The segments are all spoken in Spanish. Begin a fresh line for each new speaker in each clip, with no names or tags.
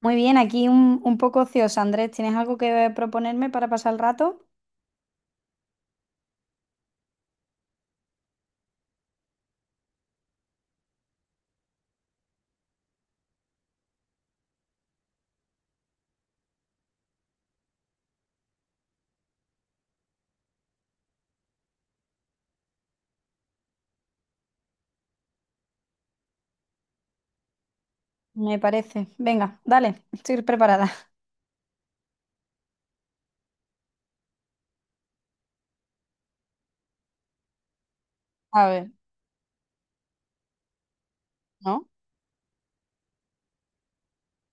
Muy bien, aquí un poco ocioso, Andrés. ¿Tienes algo que proponerme para pasar el rato? Me parece. Venga, dale, estoy preparada. A ver, no,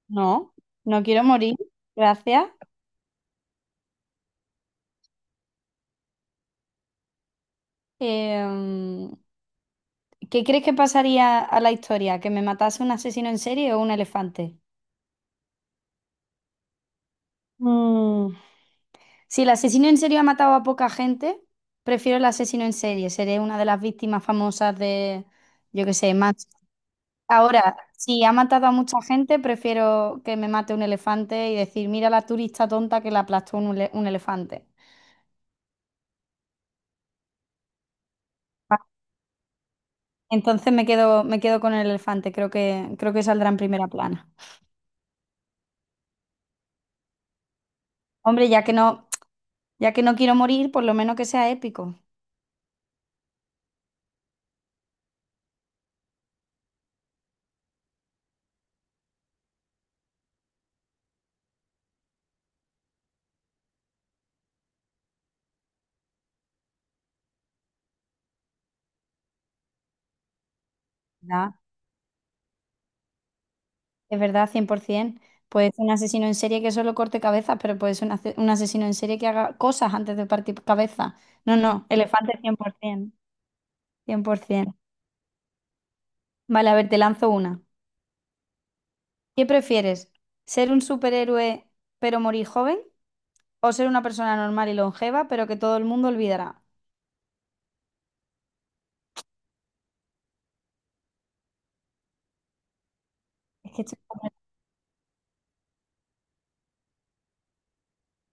no, no quiero morir. Gracias. Em, ¿Qué crees que pasaría a la historia? ¿Que me matase un asesino en serie o un elefante? Mm, Si el asesino en serie ha matado a poca gente, prefiero el asesino en serie. Seré una de las víctimas famosas de, yo qué sé, más. Ahora, si ha matado a mucha gente, prefiero que me mate un elefante y decir, mira la turista tonta que la aplastó un elefante. Ah, entonces me quedo con el elefante, creo que saldrá en primera plana. Hombre, ya que no quiero morir, por lo menos que sea épico. ¿Verdad? Es verdad, 100%. Puede ser un asesino en serie que solo corte cabezas, pero puede ser un asesino en serie que haga cosas antes de partir cabeza. No, no, elefante cien cien, por ciento, cien por 100%. Vale, a ver, te lanzo una. ¿Qué prefieres? ¿Ser un superhéroe pero morir joven? ¿O ser una persona normal y longeva pero que todo el mundo olvidará? Es que estoy como-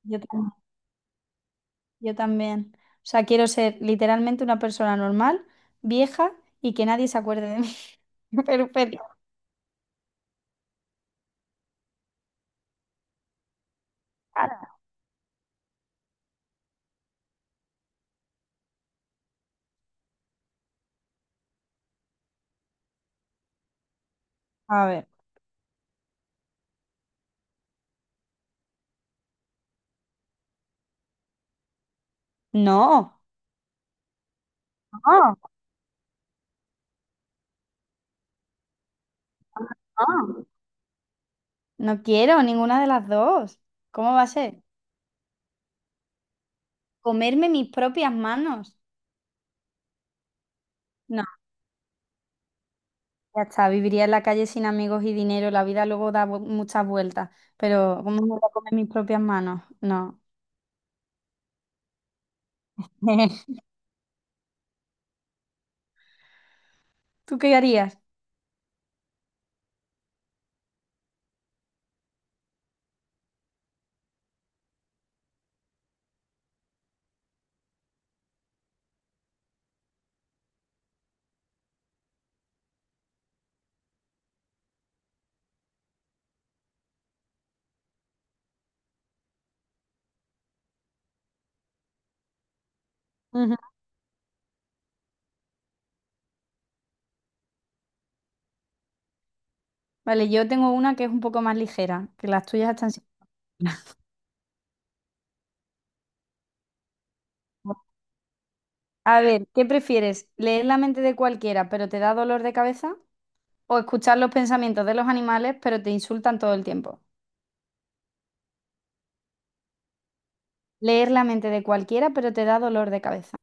yo, tam- yo también. O sea, quiero ser literalmente una persona normal, vieja y que nadie se acuerde de mí. Pero pero, Claro. A ver. No, no, no. No quiero ninguna de las dos. ¿Cómo va a ser? Comerme mis propias manos. No, ya está, viviría en la calle sin amigos y dinero. La vida luego muchas vueltas, pero ¿cómo me voy a comer mis propias manos? No. ¿Tú qué harías? Ujú. Vale, yo tengo una que es un poco más ligera, que las tuyas están. A ver, ¿qué prefieres? ¿Leer la mente de cualquiera, pero te da dolor de cabeza? ¿O escuchar los pensamientos de los animales, pero te insultan todo el tiempo? Leer la mente de cualquiera, pero te da dolor de cabeza.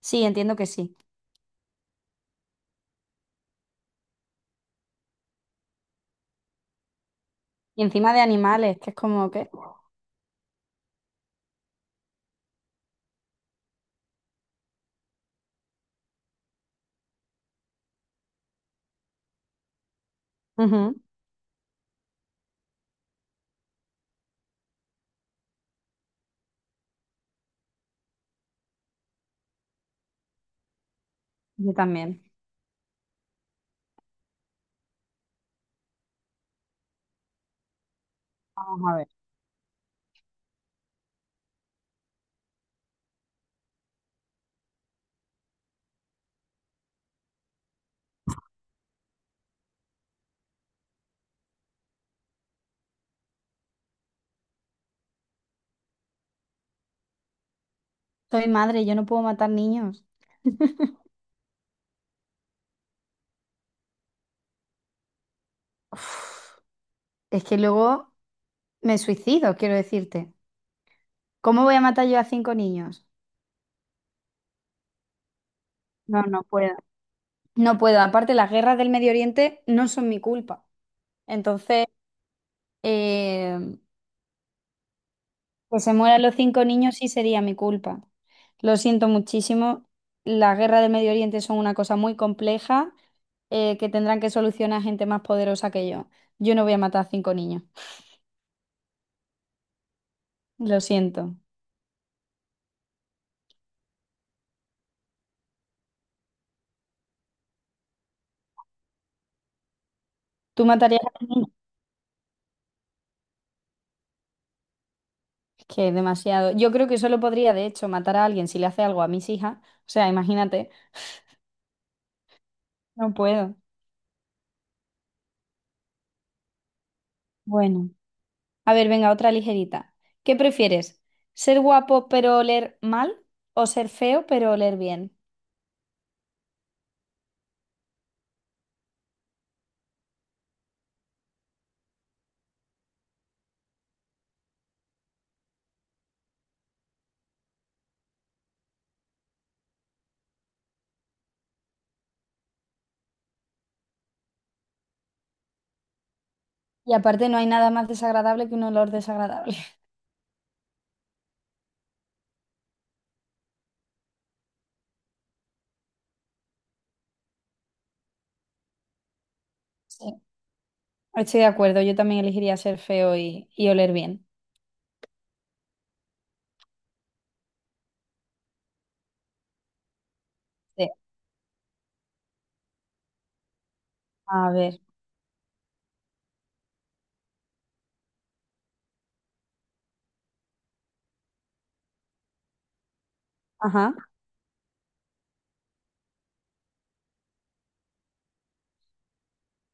Sí, entiendo que sí. Y encima de animales, que es como que. Ujú. Yo también. Vamos a ver. Soy madre, yo no puedo matar niños. Uf, es que luego me suicido, quiero decirte. ¿Cómo voy a matar yo a cinco niños? No, no puedo. No puedo. Aparte, las guerras del Medio Oriente no son mi culpa. Entonces, eh, que se mueran los cinco niños sí sería mi culpa. Lo siento muchísimo. Las guerras del Medio Oriente son una cosa muy compleja, que tendrán que solucionar gente más poderosa que yo. Yo no voy a matar a cinco niños. Lo siento. ¿Tú matarías a niños? Que demasiado. Yo creo que solo podría, de hecho, matar a alguien si le hace algo a mis hijas. O sea, imagínate, no puedo. Bueno, a ver, venga, otra ligerita. ¿Qué prefieres? ¿Ser guapo pero oler mal o ser feo pero oler bien? Y aparte no hay nada más desagradable que un olor desagradable. Sí, estoy de acuerdo, yo también elegiría ser feo y oler bien. Sí. A ver, ajá.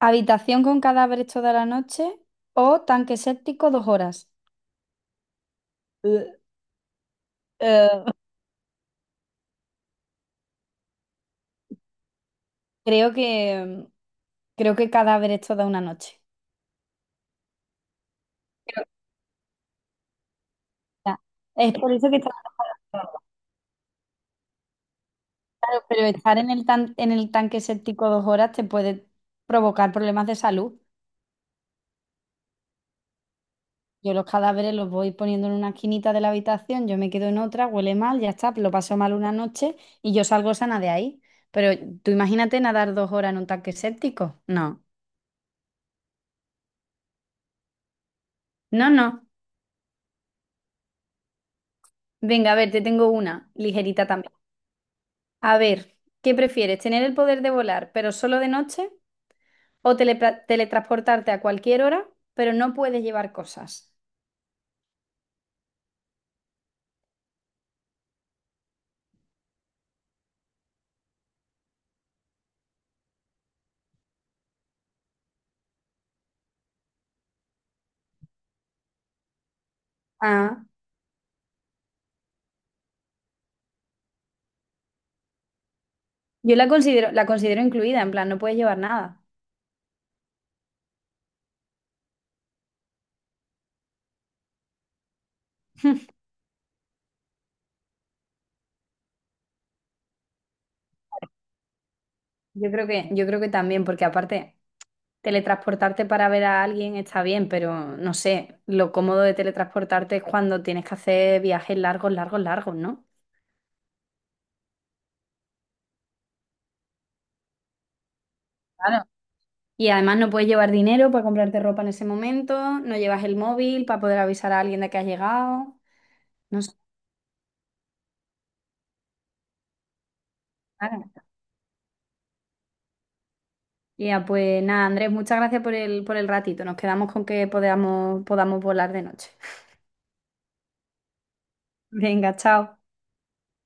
¿Habitación con cadáveres toda la noche o tanque séptico 2 horas? Eh, eh, Creo que Creo que cadáver es toda una noche. Creo que está- Es por eso que está. Claro, pero estar en el en el tanque séptico 2 horas te puede provocar problemas de salud. Yo los cadáveres los voy poniendo en una esquinita de la habitación, yo me quedo en otra, huele mal, ya está, lo paso mal una noche y yo salgo sana de ahí. Pero tú imagínate nadar 2 horas en un tanque séptico. No, no, no. Venga, a ver, te tengo una, ligerita también. A ver, ¿qué prefieres? ¿Tener el poder de volar, pero solo de noche? ¿O teletransportarte a cualquier hora, pero no puedes llevar cosas? Ah, Yo la considero incluida, en plan, no puedes llevar nada. Yo creo que también, porque aparte, teletransportarte para ver a alguien está bien, pero no sé, lo cómodo de teletransportarte es cuando tienes que hacer viajes largos, largos, largos, ¿no? Claro. Y además no puedes llevar dinero para comprarte ropa en ese momento, no llevas el móvil para poder avisar a alguien de que has llegado. No sé, claro. Ya, pues nada, Andrés, muchas gracias por el ratito. Nos quedamos con que podamos volar de noche. Venga, chao.